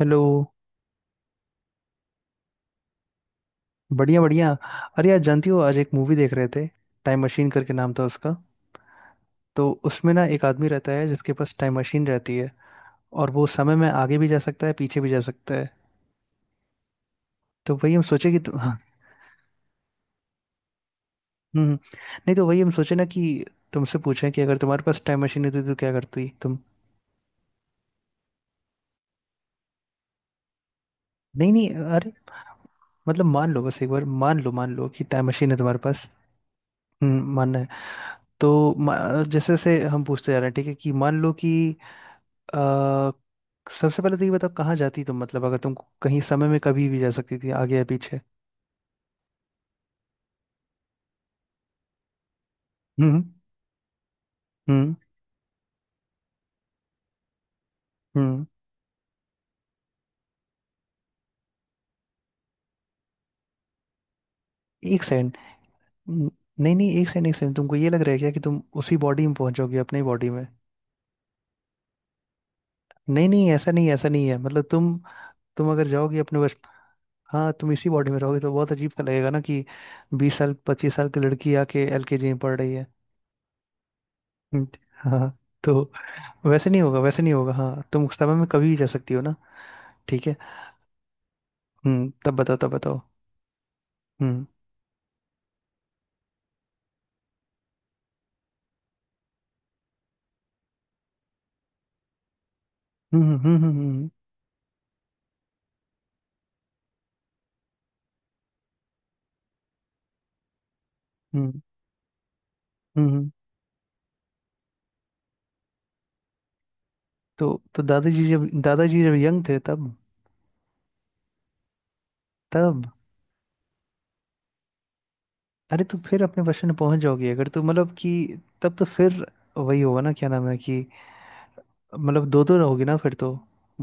Hello. बढ़िया बढ़िया। अरे यार, जानती हो, आज एक मूवी देख रहे थे। टाइम मशीन करके नाम था उसका। तो उसमें ना एक आदमी रहता है जिसके पास टाइम मशीन रहती है, और वो समय में आगे भी जा सकता है, पीछे भी जा सकता है। तो वही हम सोचे कि हाँ। नहीं, तो वही हम सोचे ना कि तुमसे पूछें कि अगर तुम्हारे पास टाइम मशीन होती तो क्या करती तुम। नहीं नहीं, अरे, मतलब मान लो, बस एक बार मान लो, मान लो कि टाइम मशीन है तुम्हारे पास। हम्म, मानना है। तो मा- जैसे जैसे हम पूछते जा रहे हैं, ठीक है, कि मान लो कि अ, सबसे पहले तो ये बताओ कहाँ जाती तुम, मतलब अगर तुम कहीं समय में कभी भी जा सकती थी, आगे या पीछे। हम्म हम्म हम्म। एक सेकंड। न- नहीं नहीं, एक सेकंड एक सेकंड, तुमको ये लग रहा है क्या कि तुम उसी बॉडी में पहुंचोगी, अपनी बॉडी में? नहीं नहीं, ऐसा नहीं, ऐसा नहीं है। मतलब तुम अगर जाओगी अपने बच हाँ, तुम इसी बॉडी में रहोगे तो बहुत अजीब सा लगेगा ना कि बीस साल पच्चीस साल की लड़की आके एलकेजी में पढ़ रही है। हम्म। हाँ। तो वैसे नहीं होगा, वैसे नहीं होगा। हाँ, तुम उस समय में कभी भी जा सकती हो ना। ठीक है। हम्म, तब बताओ, तब बताओ। हम्म हम्म हम्म हम्म हम्म हम्म हम्म तो दादाजी, जब दादाजी जब यंग थे तब, तब, अरे तो फिर अपने बचपन में पहुंच जाओगी अगर, तो मतलब कि तब तो फिर वही होगा ना, क्या नाम है कि मतलब दो दो रहोगी ना फिर तो।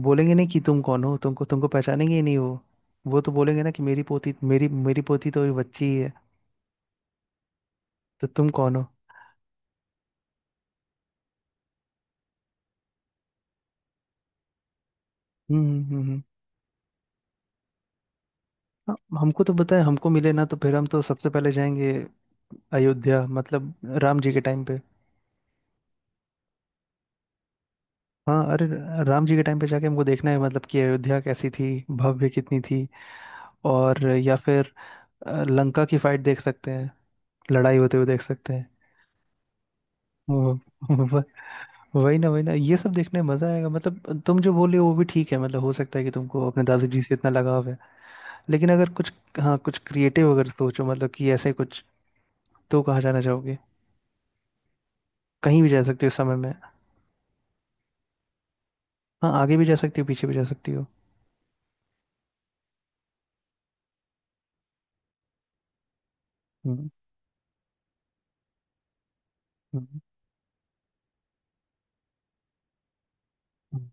बोलेंगे नहीं कि तुम कौन हो। तुमको तुमको पहचानेंगे ही नहीं वो। वो तो बोलेंगे ना कि मेरी पोती, मेरी मेरी पोती तो अभी बच्ची ही है, तो तुम कौन हो? हम्म। हाँ। हमको मिले ना, तो फिर हम तो सबसे पहले जाएंगे अयोध्या, मतलब राम जी के टाइम पे। हाँ, अरे, राम जी के टाइम पे जाके हमको देखना है, मतलब कि अयोध्या कैसी थी, भव्य कितनी थी। और या फिर लंका की फाइट देख सकते हैं, लड़ाई होते हुए देख सकते हैं। वो- वो- वही ना, वही ना, ये सब देखने में मजा आएगा। मतलब तुम जो बोले वो भी ठीक है, मतलब हो सकता है कि तुमको अपने दादाजी से इतना लगाव है, लेकिन अगर कुछ, हाँ, कुछ क्रिएटिव अगर सोचो, मतलब कि ऐसे कुछ, तो कहाँ जाना चाहोगे? कहीं भी जा सकते हो समय में। हाँ, आगे भी जा सकती हो, पीछे भी जा सकती हो। हम्म हम्म। हम्म।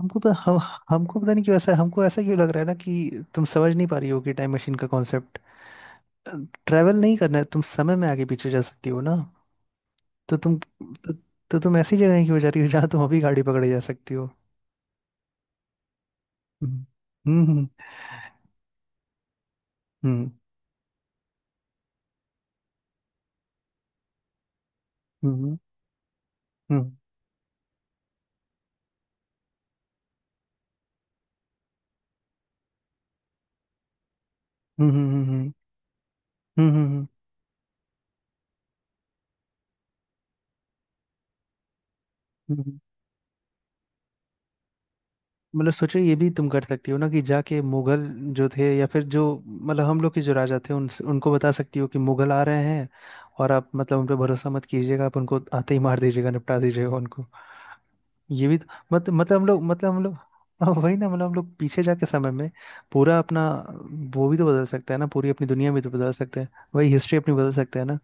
हमको पता हम हमको पता नहीं क्यों ऐसा, हमको ऐसा क्यों लग रहा है ना कि तुम समझ नहीं पा रही हो कि टाइम मशीन का कॉन्सेप्ट, ट्रैवल नहीं करना है। तुम समय में आगे पीछे जा सकती हो ना, तो तो तुम ऐसी जगह क्यों जा रही हो जहाँ तुम अभी गाड़ी पकड़े जा सकती हो? हम्म हम्म हम्म हम्म हम्म हम्म हम्म हम्म हम्म हम्म हम्म हम्म हम्म। मतलब सोचो, ये भी तुम कर सकती हो ना कि जाके मुगल जो थे, या फिर जो, मतलब हम लोग के जो राजा थे, उन उनको बता सकती हो कि मुगल आ रहे हैं, और आप, मतलब उन पे भरोसा मत कीजिएगा, आप उनको आते ही मार दीजिएगा, निपटा दीजिएगा उनको। ये भी तो, मत, मतलब हम लोग, मतलब हम लोग, हाँ, वही ना, मतलब हम लोग पीछे जाके समय में पूरा अपना, वो भी तो बदल सकता है ना, पूरी अपनी दुनिया भी तो बदल सकते हैं। वही हिस्ट्री अपनी बदल सकते हैं ना,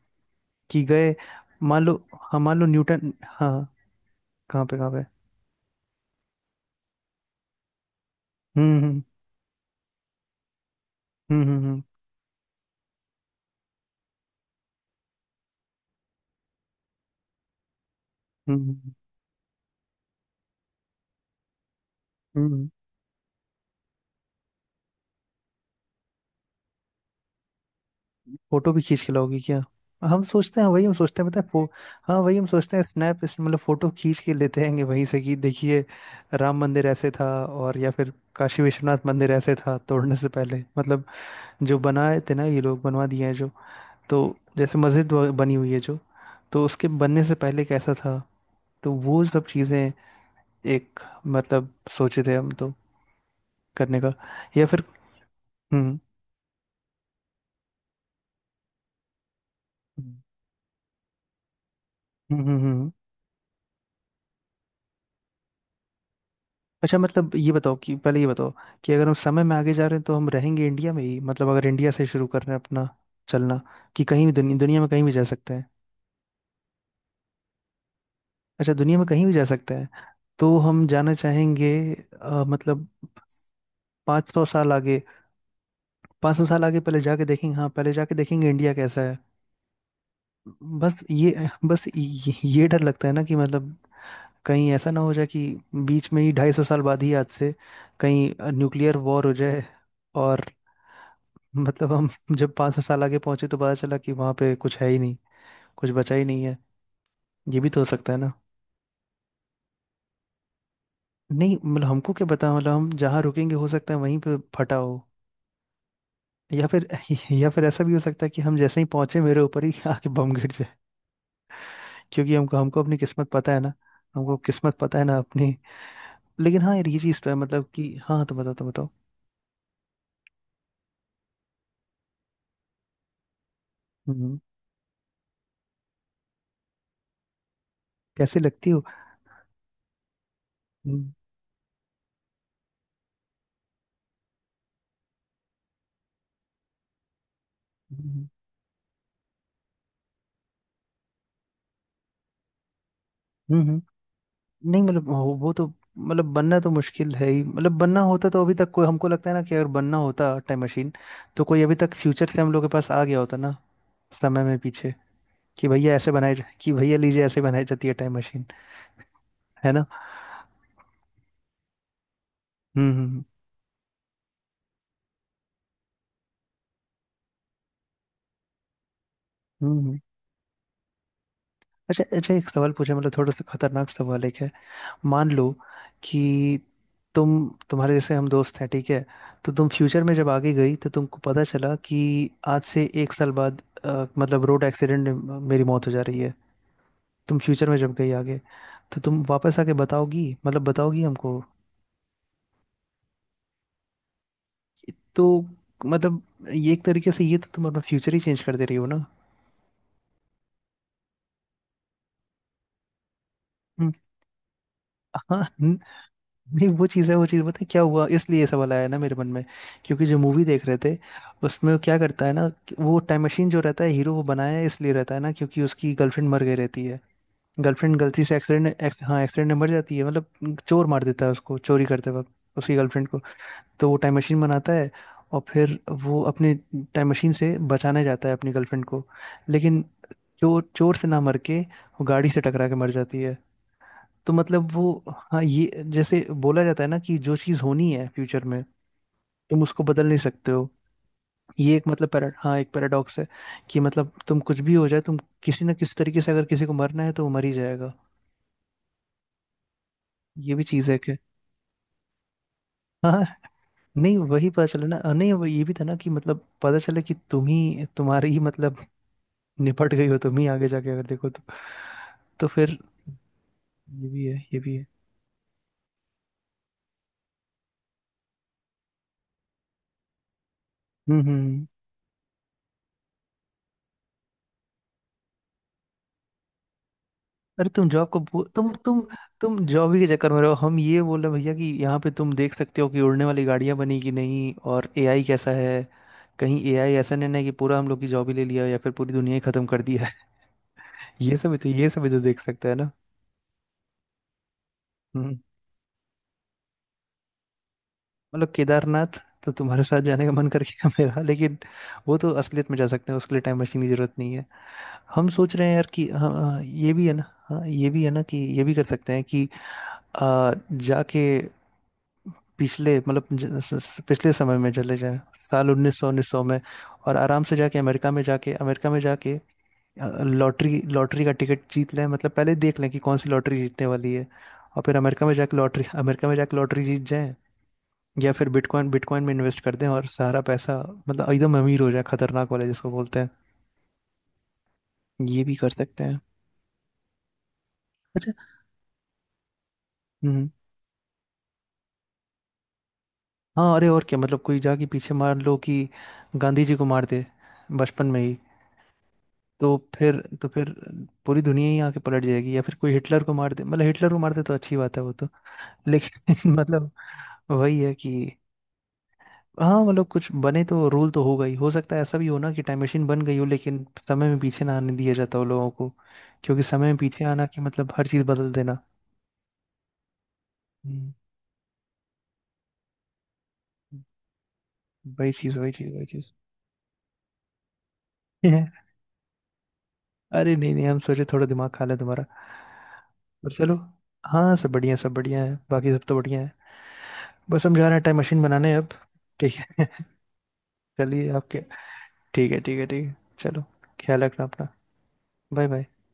कि गए, मान लो, हाँ, मान लो न्यूटन, हाँ। कहाँ पे, कहाँ पे? हम्म हम्म हम्म हम्म हम्म हम्म हम्म। फोटो भी खींच के लाओगी क्या? हम सोचते हैं, वही हम सोचते हैं, पता है, फो हाँ वही हम सोचते हैं, स्नैप, मतलब फोटो खींच के लेते हैं वहीं से कि देखिए, राम मंदिर ऐसे था, और या फिर काशी विश्वनाथ मंदिर ऐसे था तोड़ने से पहले, मतलब जो बनाए थे ना ये लोग, बनवा दिए हैं जो, तो जैसे मस्जिद बनी हुई है जो, तो उसके बनने से पहले कैसा था। तो वो सब चीजें एक, मतलब सोचे थे हम तो, करने का। या फिर, हम्म हम्म हम्म हम्म। हम्म। अच्छा मतलब ये बताओ कि, पहले ये बताओ कि अगर हम समय में आगे जा रहे हैं तो हम रहेंगे इंडिया में ही, मतलब अगर इंडिया से शुरू कर रहे हैं अपना चलना, कि कहीं भी दुनिया, दुनिया में कहीं भी जा सकते हैं? अच्छा, दुनिया में कहीं भी जा सकते हैं, तो हम जाना चाहेंगे मतलब पाँच सौ साल आगे, पाँच सौ साल आगे पहले जाके देखेंगे, हाँ पहले जाके देखेंगे इंडिया कैसा है। ये डर लगता है ना कि मतलब कहीं ऐसा ना हो जाए कि बीच में ही, ढाई सौ साल बाद ही आज से, कहीं न्यूक्लियर वॉर हो जाए, और मतलब हम जब पाँच सात साल आगे पहुंचे तो पता चला कि वहां पे कुछ है ही नहीं, कुछ बचा ही नहीं है। ये भी तो हो सकता है ना। नहीं मतलब हमको क्या पता, मतलब हम जहाँ रुकेंगे हो सकता है वहीं पे फटा हो, या फिर या फिर ऐसा भी हो सकता है कि हम जैसे ही पहुंचे, मेरे ऊपर ही आके बम गिर जाए, क्योंकि हमको, हमको अपनी किस्मत पता है ना। हमको किस्मत पता है ना अपनी। लेकिन हाँ यार, ये चीज़ तो है मतलब कि, हाँ, तो बताओ, तो बताओ। हम्म। कैसे लगती हो? हम्म हम्म हम्म। हम्म। नहीं मतलब, वो तो, मतलब बनना तो मुश्किल है ही, मतलब बनना होता तो अभी तक कोई, हमको लगता है ना कि अगर बनना होता टाइम मशीन, तो कोई अभी तक फ्यूचर से हम लोग के पास आ गया होता ना, समय में पीछे, कि भैया ऐसे बनाई, कि भैया लीजिए, ऐसे बनाई जाती है टाइम मशीन। है ना? हम्म हम्म हम्म। अच्छा अच्छा, एक सवाल पूछे, मतलब थोड़ा सा खतरनाक सवाल एक है। मान लो कि, तुम, तुम्हारे जैसे हम दोस्त हैं, ठीक है, तो तुम फ्यूचर में जब आगे गई तो तुमको पता चला कि आज से एक साल बाद मतलब रोड एक्सीडेंट में मेरी मौत हो जा रही है। तुम फ्यूचर में जब गई आगे, तो तुम वापस आके बताओगी, मतलब बताओगी हमको? तो मतलब, ये एक तरीके से, ये तो तुम अपना फ्यूचर ही चेंज कर दे रही हो ना। हम्म। हाँ। नहीं, वो चीज़ है, वो चीज़ पता है क्या हुआ, इसलिए ये सवाल आया ना मेरे मन में, क्योंकि जो मूवी देख रहे थे, उसमें वो क्या करता है ना, कि वो, टाइम मशीन जो रहता है हीरो, वो बनाया इसलिए रहता है ना, क्योंकि उसकी गर्लफ्रेंड मर गई रहती है। गर्लफ्रेंड गलती से एक्सीडेंट, हाँ एक्सीडेंट में मर जाती है, मतलब चोर मार देता है उसको चोरी करते वक्त, उसकी गर्लफ्रेंड को। तो वो टाइम मशीन बनाता है, और फिर वो अपने टाइम मशीन से बचाने जाता है अपनी गर्लफ्रेंड को। लेकिन चोर चोर से ना मर के वो गाड़ी से टकरा के मर जाती है। तो मतलब वो, हाँ, ये जैसे बोला जाता है ना कि जो चीज़ होनी है फ्यूचर में, तुम उसको बदल नहीं सकते हो। ये एक, मतलब पैरा हाँ, एक पैराडॉक्स है, कि मतलब तुम कुछ भी हो जाए, तुम किसी ना किसी तरीके से, अगर किसी को मरना है तो वो मर ही जाएगा। ये भी चीज़ है कि, हाँ, नहीं, वही पता चले ना, नहीं, वो ये भी था ना कि मतलब पता चले कि तुम ही, तुम्हारी ही मतलब निपट गई हो तुम ही, आगे जाके अगर देखो तो फिर, ये भी है, ये भी है। हम्म हम्म हम्म। अरे तुम जॉब को, तुम तुम जॉब ही के चक्कर में रहो। हम ये बोल रहे हैं भैया कि यहाँ पे तुम देख सकते हो कि उड़ने वाली गाड़ियाँ बनी कि नहीं, और एआई कैसा है। कहीं एआई ऐसा नहीं ना है कि पूरा हम लोग की जॉब ही ले लिया, या फिर पूरी दुनिया ही खत्म कर दिया है। ये सब भी तो देख सकते हैं ना। हम्म। मतलब केदारनाथ तो तुम्हारे साथ जाने का मन कर गया मेरा, लेकिन वो तो असलियत में जा सकते हैं, उसके लिए टाइम मशीन की जरूरत नहीं है। हम सोच रहे हैं यार कि हाँ हाँ, ये भी है ना, हाँ ये भी है ना कि ये भी कर सकते हैं कि जाके पिछले, मतलब पिछले समय में चले जाएं साल उन्नीस सौ, उन्नीस सौ में, और आराम से जाके अमेरिका में जाके, अमेरिका में जाके लॉटरी, लॉटरी का टिकट जीत लें, मतलब पहले ही देख लें कि कौन सी लॉटरी जीतने वाली है, और फिर अमेरिका में जाके लॉटरी, अमेरिका में जाके लॉटरी जीत जाएं, या फिर बिटकॉइन, बिटकॉइन में इन्वेस्ट कर दें, और सारा पैसा, मतलब एकदम अमीर हो जाए, खतरनाक वाले जिसको बोलते हैं। ये भी कर सकते हैं। अच्छा। हम्म। हाँ अरे, और क्या, मतलब कोई जाके पीछे मार लो कि गांधी जी को मार दे बचपन में ही, तो फिर, तो फिर पूरी दुनिया ही आके पलट जाएगी, या फिर कोई हिटलर को मार दे, मतलब हिटलर को मार दे तो अच्छी बात है वो तो, लेकिन मतलब वही है कि, हाँ मतलब कुछ बने तो रूल तो होगा ही। हो सकता है ऐसा भी हो ना कि टाइम मशीन बन गई हो, लेकिन समय में पीछे ना आने दिया जाता हो लोगों को, क्योंकि समय में पीछे आना कि मतलब हर चीज़ बदल देना। हम्म। वही चीज़ वही चीज़। अरे नहीं नहीं, हम सोचे थोड़ा दिमाग खा ले तुम्हारा। पर चलो, हाँ सब बढ़िया, सब बढ़िया है, बाकी सब तो बढ़िया है। बस हम जा रहे हैं टाइम मशीन बनाने अब। ठीक है। चलिए आपके, ठीक है ठीक है ठीक है, चलो, ख्याल रखना अपना। Bye bye.